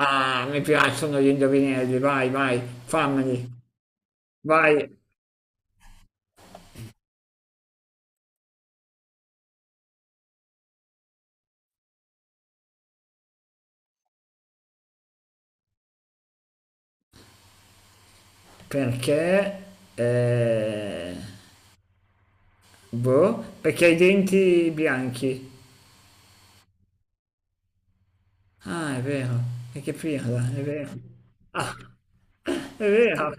Ah, mi piacciono gli indovinelli, vai, vai, fammeli, vai. Perché? Eh, boh, perché hai i denti bianchi. Ah, è vero, è che pirla, è vero, è vero,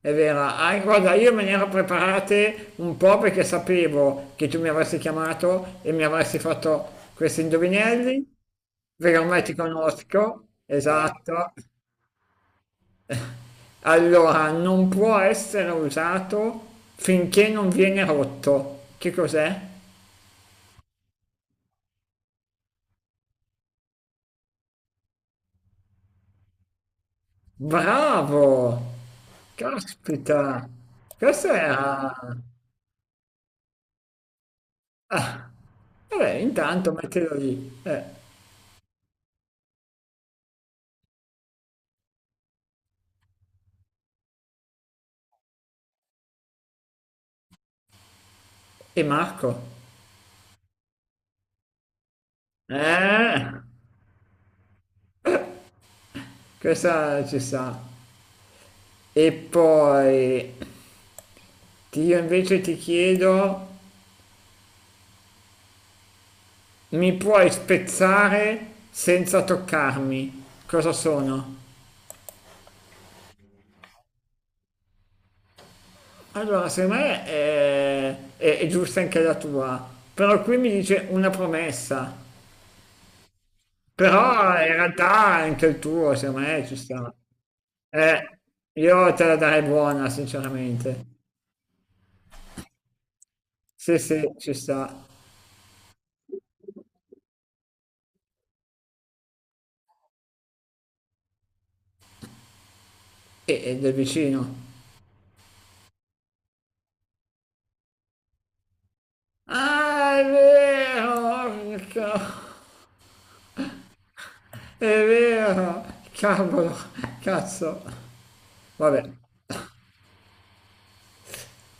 è vero. Ah, guarda, io me ne ero preparate un po' perché sapevo che tu mi avresti chiamato e mi avresti fatto questi indovinelli, perché ormai ti conosco, esatto. Allora, non può essere usato finché non viene rotto. Che cos'è? Bravo! Caspita! Questo era. Vabbè, intanto mettilo lì. E Marco? Eh, questa ci sta. E poi io invece ti chiedo, mi puoi spezzare senza toccarmi? Cosa sono? Allora, secondo me è giusta anche la tua, però qui mi dice una promessa, però in realtà anche il tuo, secondo me ci sta. Eh, io te la darei buona, sinceramente. Sì, sì, ci sta. E del vicino. Ah, è vero, è vero, cavolo, cazzo. Vabbè,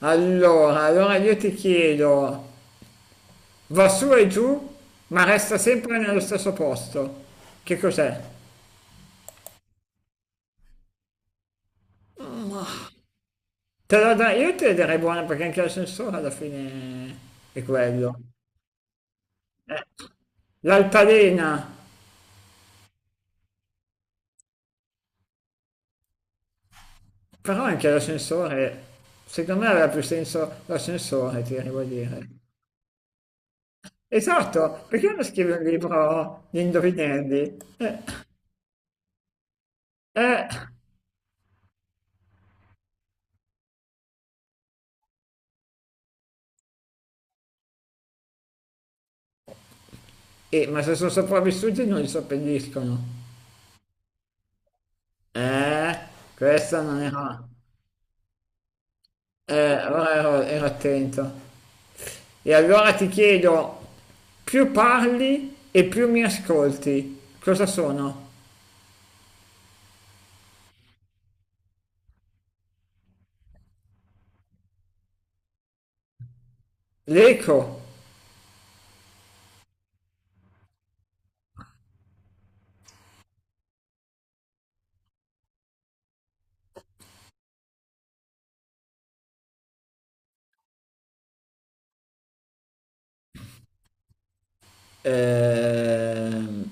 allora io ti chiedo. Va su e giù, ma resta sempre nello stesso posto. Che cos'è? Te la dai, io te la darei buona perché anche l'ascensore alla fine è quello. Eh, l'altalena, però anche l'ascensore, secondo me aveva più senso l'ascensore, ti devo dire. Esatto, perché non scrivi un libro di indovinelli? Eh, ma se sono sopravvissuti non li seppelliscono. Eh, questa non era. Ora ero attento. E allora ti chiedo, più parli e più mi ascolti, cosa sono? L'eco. Ehm,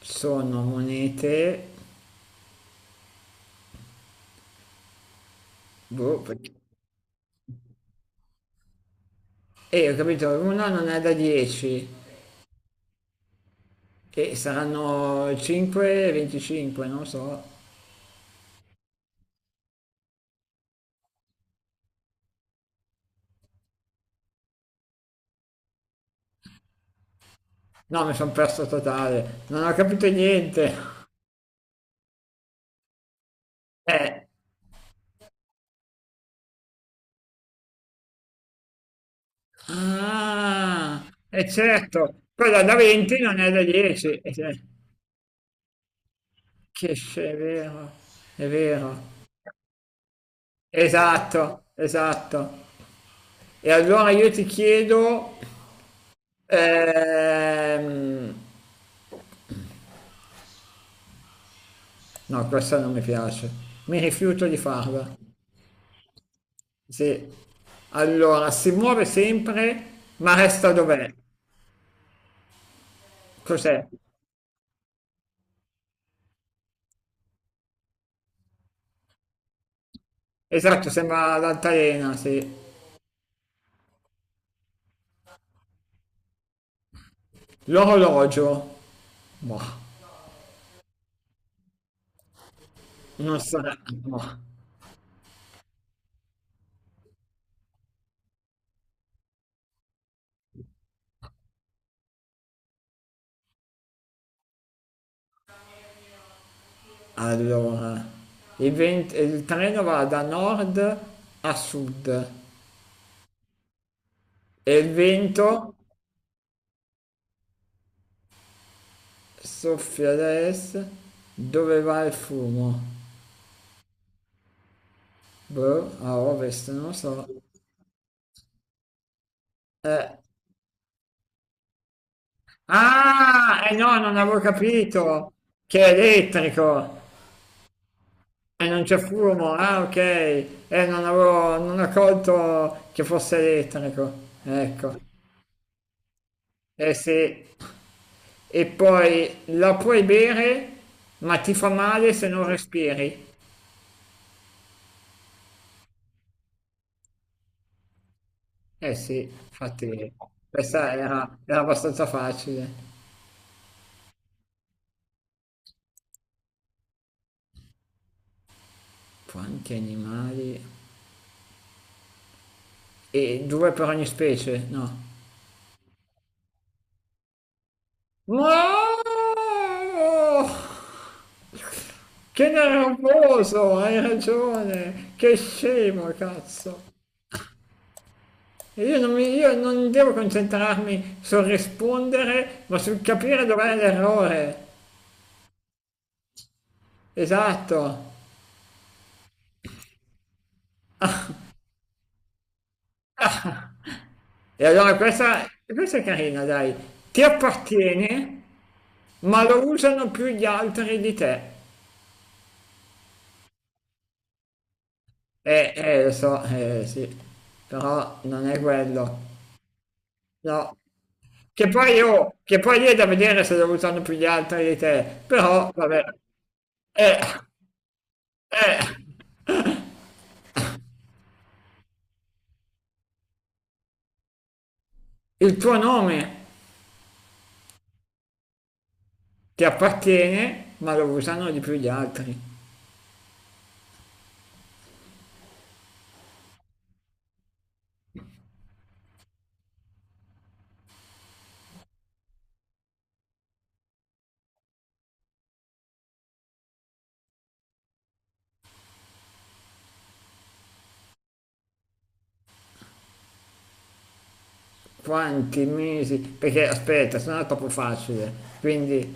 sono monete. Boh, ho capito, una non è da 10 e saranno 5, 25, non so. No, mi sono perso totale, non ho capito niente. Eh. Ah, è certo, quella da 20 non è da 10. È vero, è vero. Esatto, esatto. E allora io ti chiedo, ehm, no, questa non mi piace, mi rifiuto di farla. Sì. Allora, si muove sempre, ma resta dov'è? Cos'è? Esatto, sembra l'altalena, sì. L'orologio. Boh, non sarà. Boh. Allora, 20 il treno va da nord a sud. E il vento soffia ad est, dove va il fumo? Boh, a ovest, non lo so. Eh, Ah, eh no, non avevo capito che è elettrico e non c'è fumo. Ah, ok, non ho colto che fosse elettrico. Ecco, eh sì. E poi la puoi bere, ma ti fa male se non respiri. Eh sì, infatti, questa era abbastanza facile. Quanti animali? E due per ogni specie? No. No! Che nervoso, hai ragione. Che scemo, cazzo. E io non devo concentrarmi sul rispondere, ma sul capire dov'è l'errore. Esatto. E allora questa è carina, dai. Ti appartiene, ma lo usano più gli altri di te. Lo so, sì. Però non è quello. No, che poi io, che poi lì è da vedere se lo usano più gli altri di te, però vabbè, eh, eh, il tuo nome ti appartiene, ma lo usano di più gli altri. Quanti mesi, perché aspetta, se no è troppo facile, quindi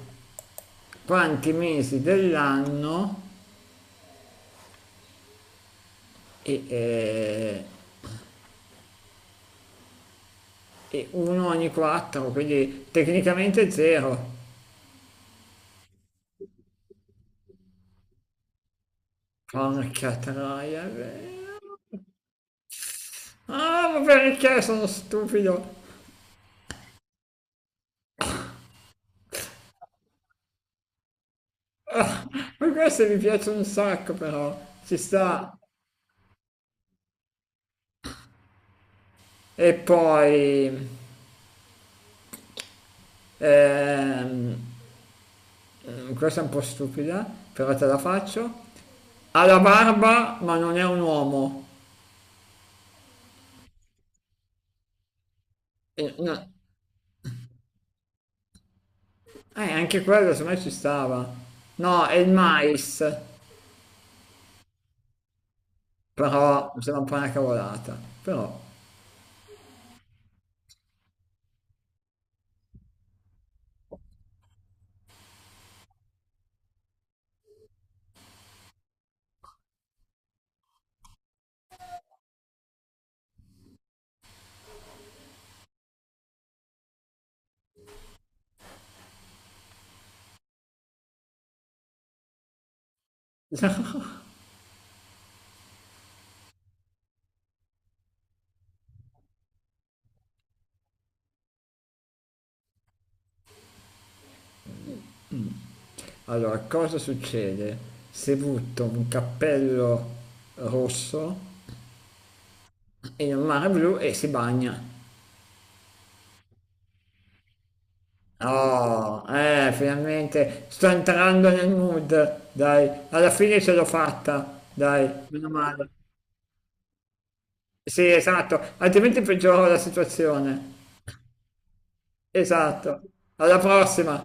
quanti mesi dell'anno e, eh, e uno ogni quattro, quindi tecnicamente zero. Porca troia, è vero. Ah, ma perché sono stupido? Poi queste mi piacciono un sacco però, ci sta. E poi, ehm, questa è un po' stupida, però te la faccio. Ha la barba ma non è un uomo. No. Anche quello secondo me ci stava. No, è il mais, però mi sembra un po' una cavolata. Però, allora, cosa succede se butto un cappello rosso in un mare blu e si bagna? Oh, finalmente sto entrando nel mood, dai, alla fine ce l'ho fatta, dai, meno male. Sì, esatto, altrimenti peggioravo la situazione. Esatto, alla prossima.